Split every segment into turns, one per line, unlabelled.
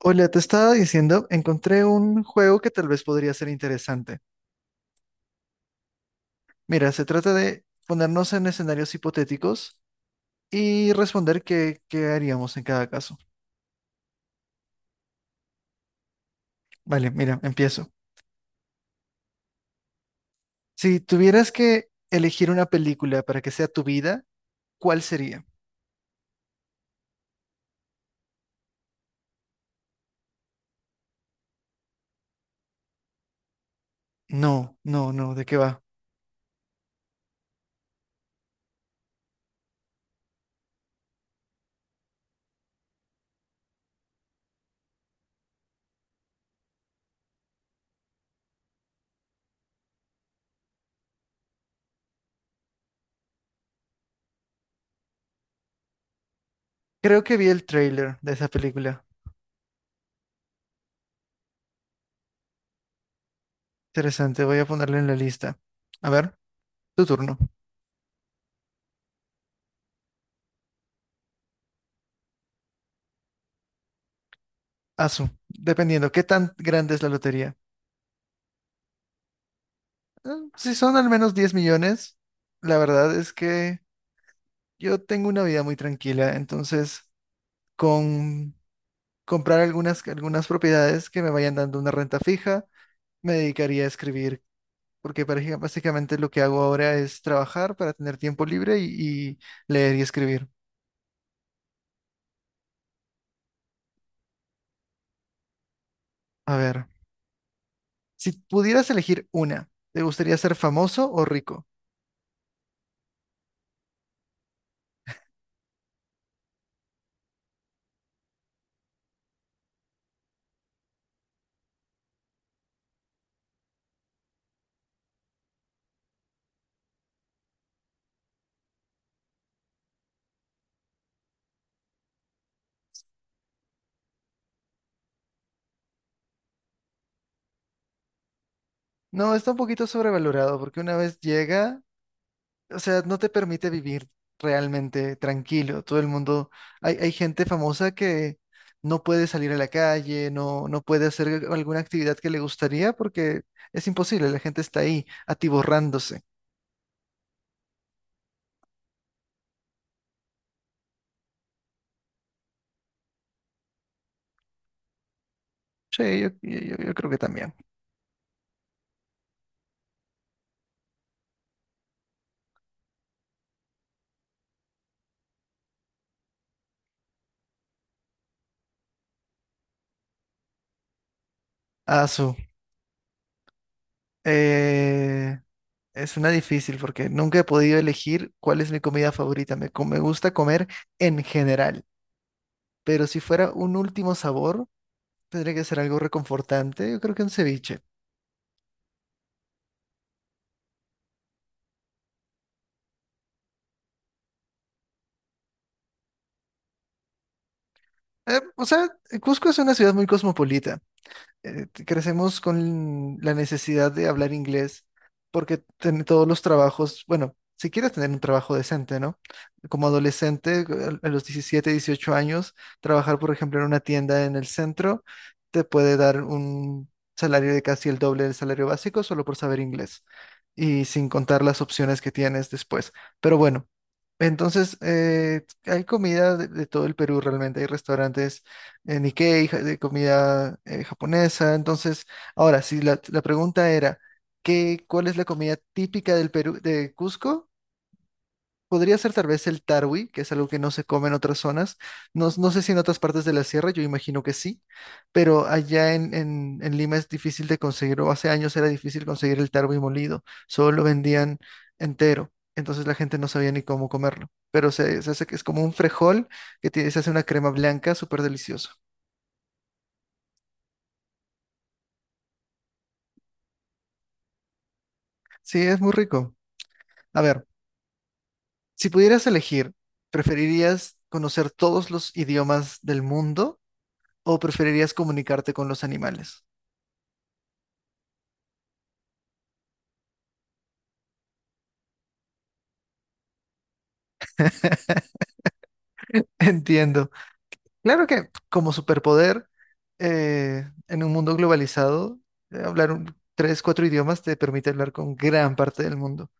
Hola, te estaba diciendo, encontré un juego que tal vez podría ser interesante. Mira, se trata de ponernos en escenarios hipotéticos y responder qué haríamos en cada caso. Vale, mira, empiezo. Si tuvieras que elegir una película para que sea tu vida, ¿cuál sería? No, no, no, ¿de qué va? Creo que vi el tráiler de esa película. Interesante, voy a ponerlo en la lista. A ver, tu turno. Asu, dependiendo, ¿qué tan grande es la lotería? Eh, Si son al menos 10 millones, la verdad es que yo tengo una vida muy tranquila, entonces con comprar algunas propiedades que me vayan dando una renta fija, me dedicaría a escribir, porque básicamente lo que hago ahora es trabajar para tener tiempo libre y leer y escribir. A ver, si pudieras elegir una, ¿te gustaría ser famoso o rico? No, está un poquito sobrevalorado porque una vez llega, o sea, no te permite vivir realmente tranquilo. Todo el mundo, hay gente famosa que no puede salir a la calle, no, no puede hacer alguna actividad que le gustaría porque es imposible, la gente está ahí atiborrándose. Sí, yo, yo creo que también. Asu, eh, es una difícil porque nunca he podido elegir cuál es mi comida favorita. Me, me gusta comer en general, pero si fuera un último sabor, tendría que ser algo reconfortante. Yo creo que un ceviche. Eh, o sea, Cusco es una ciudad muy cosmopolita. Crecemos con la necesidad de hablar inglés porque todos los trabajos, bueno, si quieres tener un trabajo decente, ¿no? Como adolescente, a los 17, 18 años, trabajar, por ejemplo, en una tienda en el centro te puede dar un salario de casi el doble del salario básico solo por saber inglés y sin contar las opciones que tienes después. Pero bueno. Entonces, hay comida de todo el Perú realmente, hay restaurantes Nikkei, de comida japonesa. Entonces, ahora, si la pregunta era, qué, ¿cuál es la comida típica del Perú, de Cusco? Podría ser tal vez el tarwi, que es algo que no se come en otras zonas. No, no sé si en otras partes de la sierra, yo imagino que sí, pero allá en, en Lima es difícil de conseguir, o hace años era difícil conseguir el tarwi molido, solo lo vendían entero, entonces la gente no sabía ni cómo comerlo. Pero se hace que es como un frejol que se hace una crema blanca súper delicioso. Sí, es muy rico. A ver, si pudieras elegir, ¿preferirías conocer todos los idiomas del mundo o preferirías comunicarte con los animales? Entiendo. Claro que como superpoder, en un mundo globalizado, hablar 3, 4 idiomas te permite hablar con gran parte del mundo.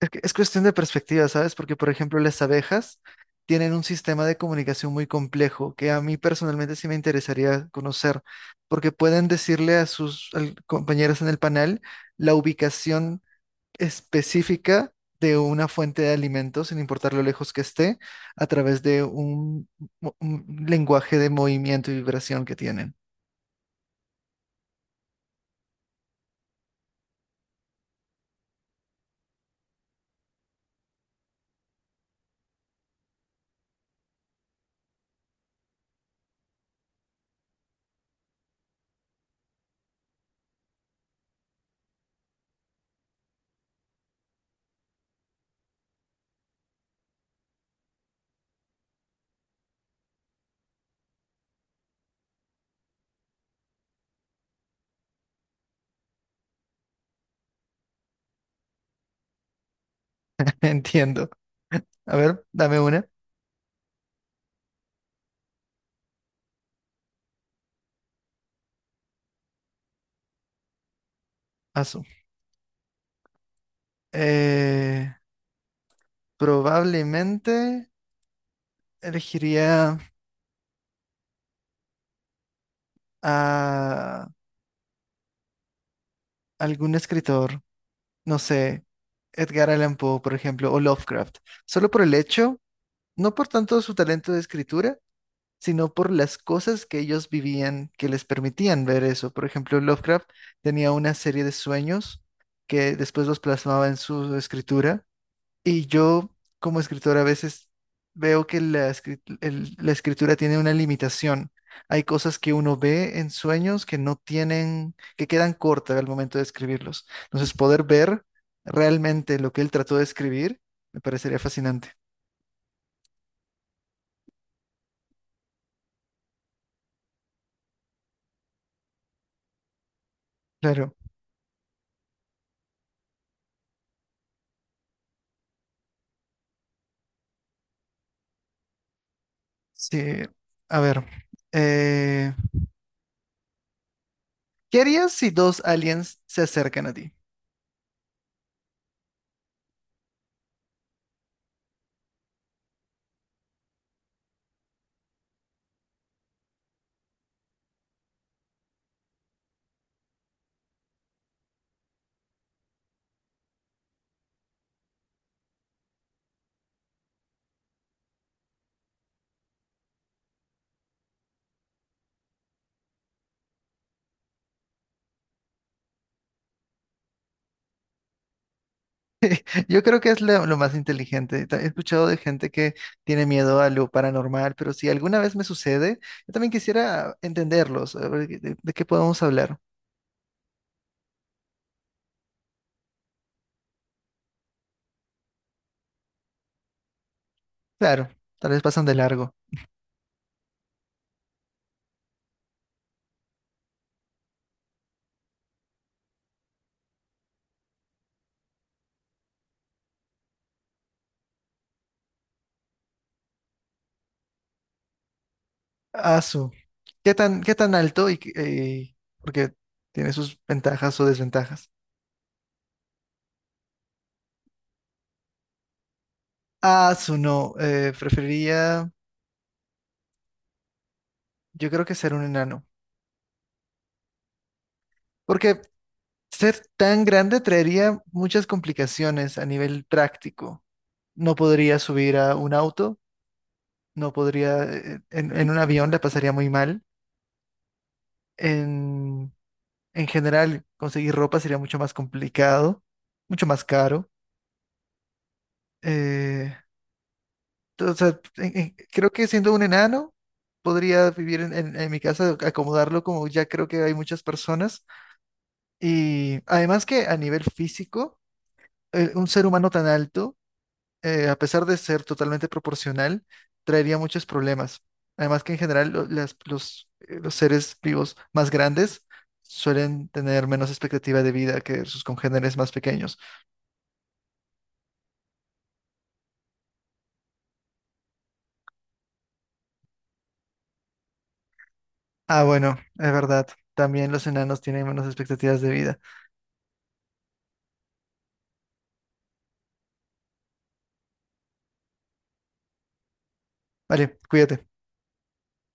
Es es cuestión de perspectiva, ¿sabes? Porque, por ejemplo, las abejas tienen un sistema de comunicación muy complejo que a mí personalmente sí me interesaría conocer, porque pueden decirle a sus compañeros en el panel la ubicación específica de una fuente de alimentos, sin importar lo lejos que esté, a través de un lenguaje de movimiento y vibración que tienen. Entiendo. A ver, dame una. Asu. Eh, Probablemente elegiría a algún escritor, no sé, Edgar Allan Poe, por ejemplo, o Lovecraft, solo por el hecho, no por tanto su talento de escritura, sino por las cosas que ellos vivían que les permitían ver eso. Por ejemplo, Lovecraft tenía una serie de sueños que después los plasmaba en su escritura. Y yo, como escritor, a veces veo que la escritura tiene una limitación. Hay cosas que uno ve en sueños que no tienen, que quedan cortas al momento de escribirlos. Entonces, poder ver realmente lo que él trató de escribir me parecería fascinante. Claro, sí. A ver, eh, ¿qué harías si dos aliens se acercan a ti? Yo creo que es lo más inteligente. He escuchado de gente que tiene miedo a lo paranormal, pero si alguna vez me sucede, yo también quisiera entenderlos, a ver, de qué podemos hablar. Claro, tal vez pasan de largo. Asu, qué tan alto y porque tiene sus ventajas o desventajas? Asu, no, preferiría, yo creo que ser un enano, porque ser tan grande traería muchas complicaciones a nivel práctico. No podría subir a un auto, no podría, en un avión la pasaría muy mal. En, en general, conseguir ropa sería mucho más complicado, mucho más caro. Eh, Creo que siendo un enano, podría vivir en, en mi casa, acomodarlo como ya creo que hay muchas personas. Y además que a nivel físico, un ser humano tan alto, a pesar de ser totalmente proporcional, traería muchos problemas. Además que en general los seres vivos más grandes suelen tener menos expectativa de vida que sus congéneres más pequeños. Ah, bueno, es verdad. También los enanos tienen menos expectativas de vida. Vale, cuídate.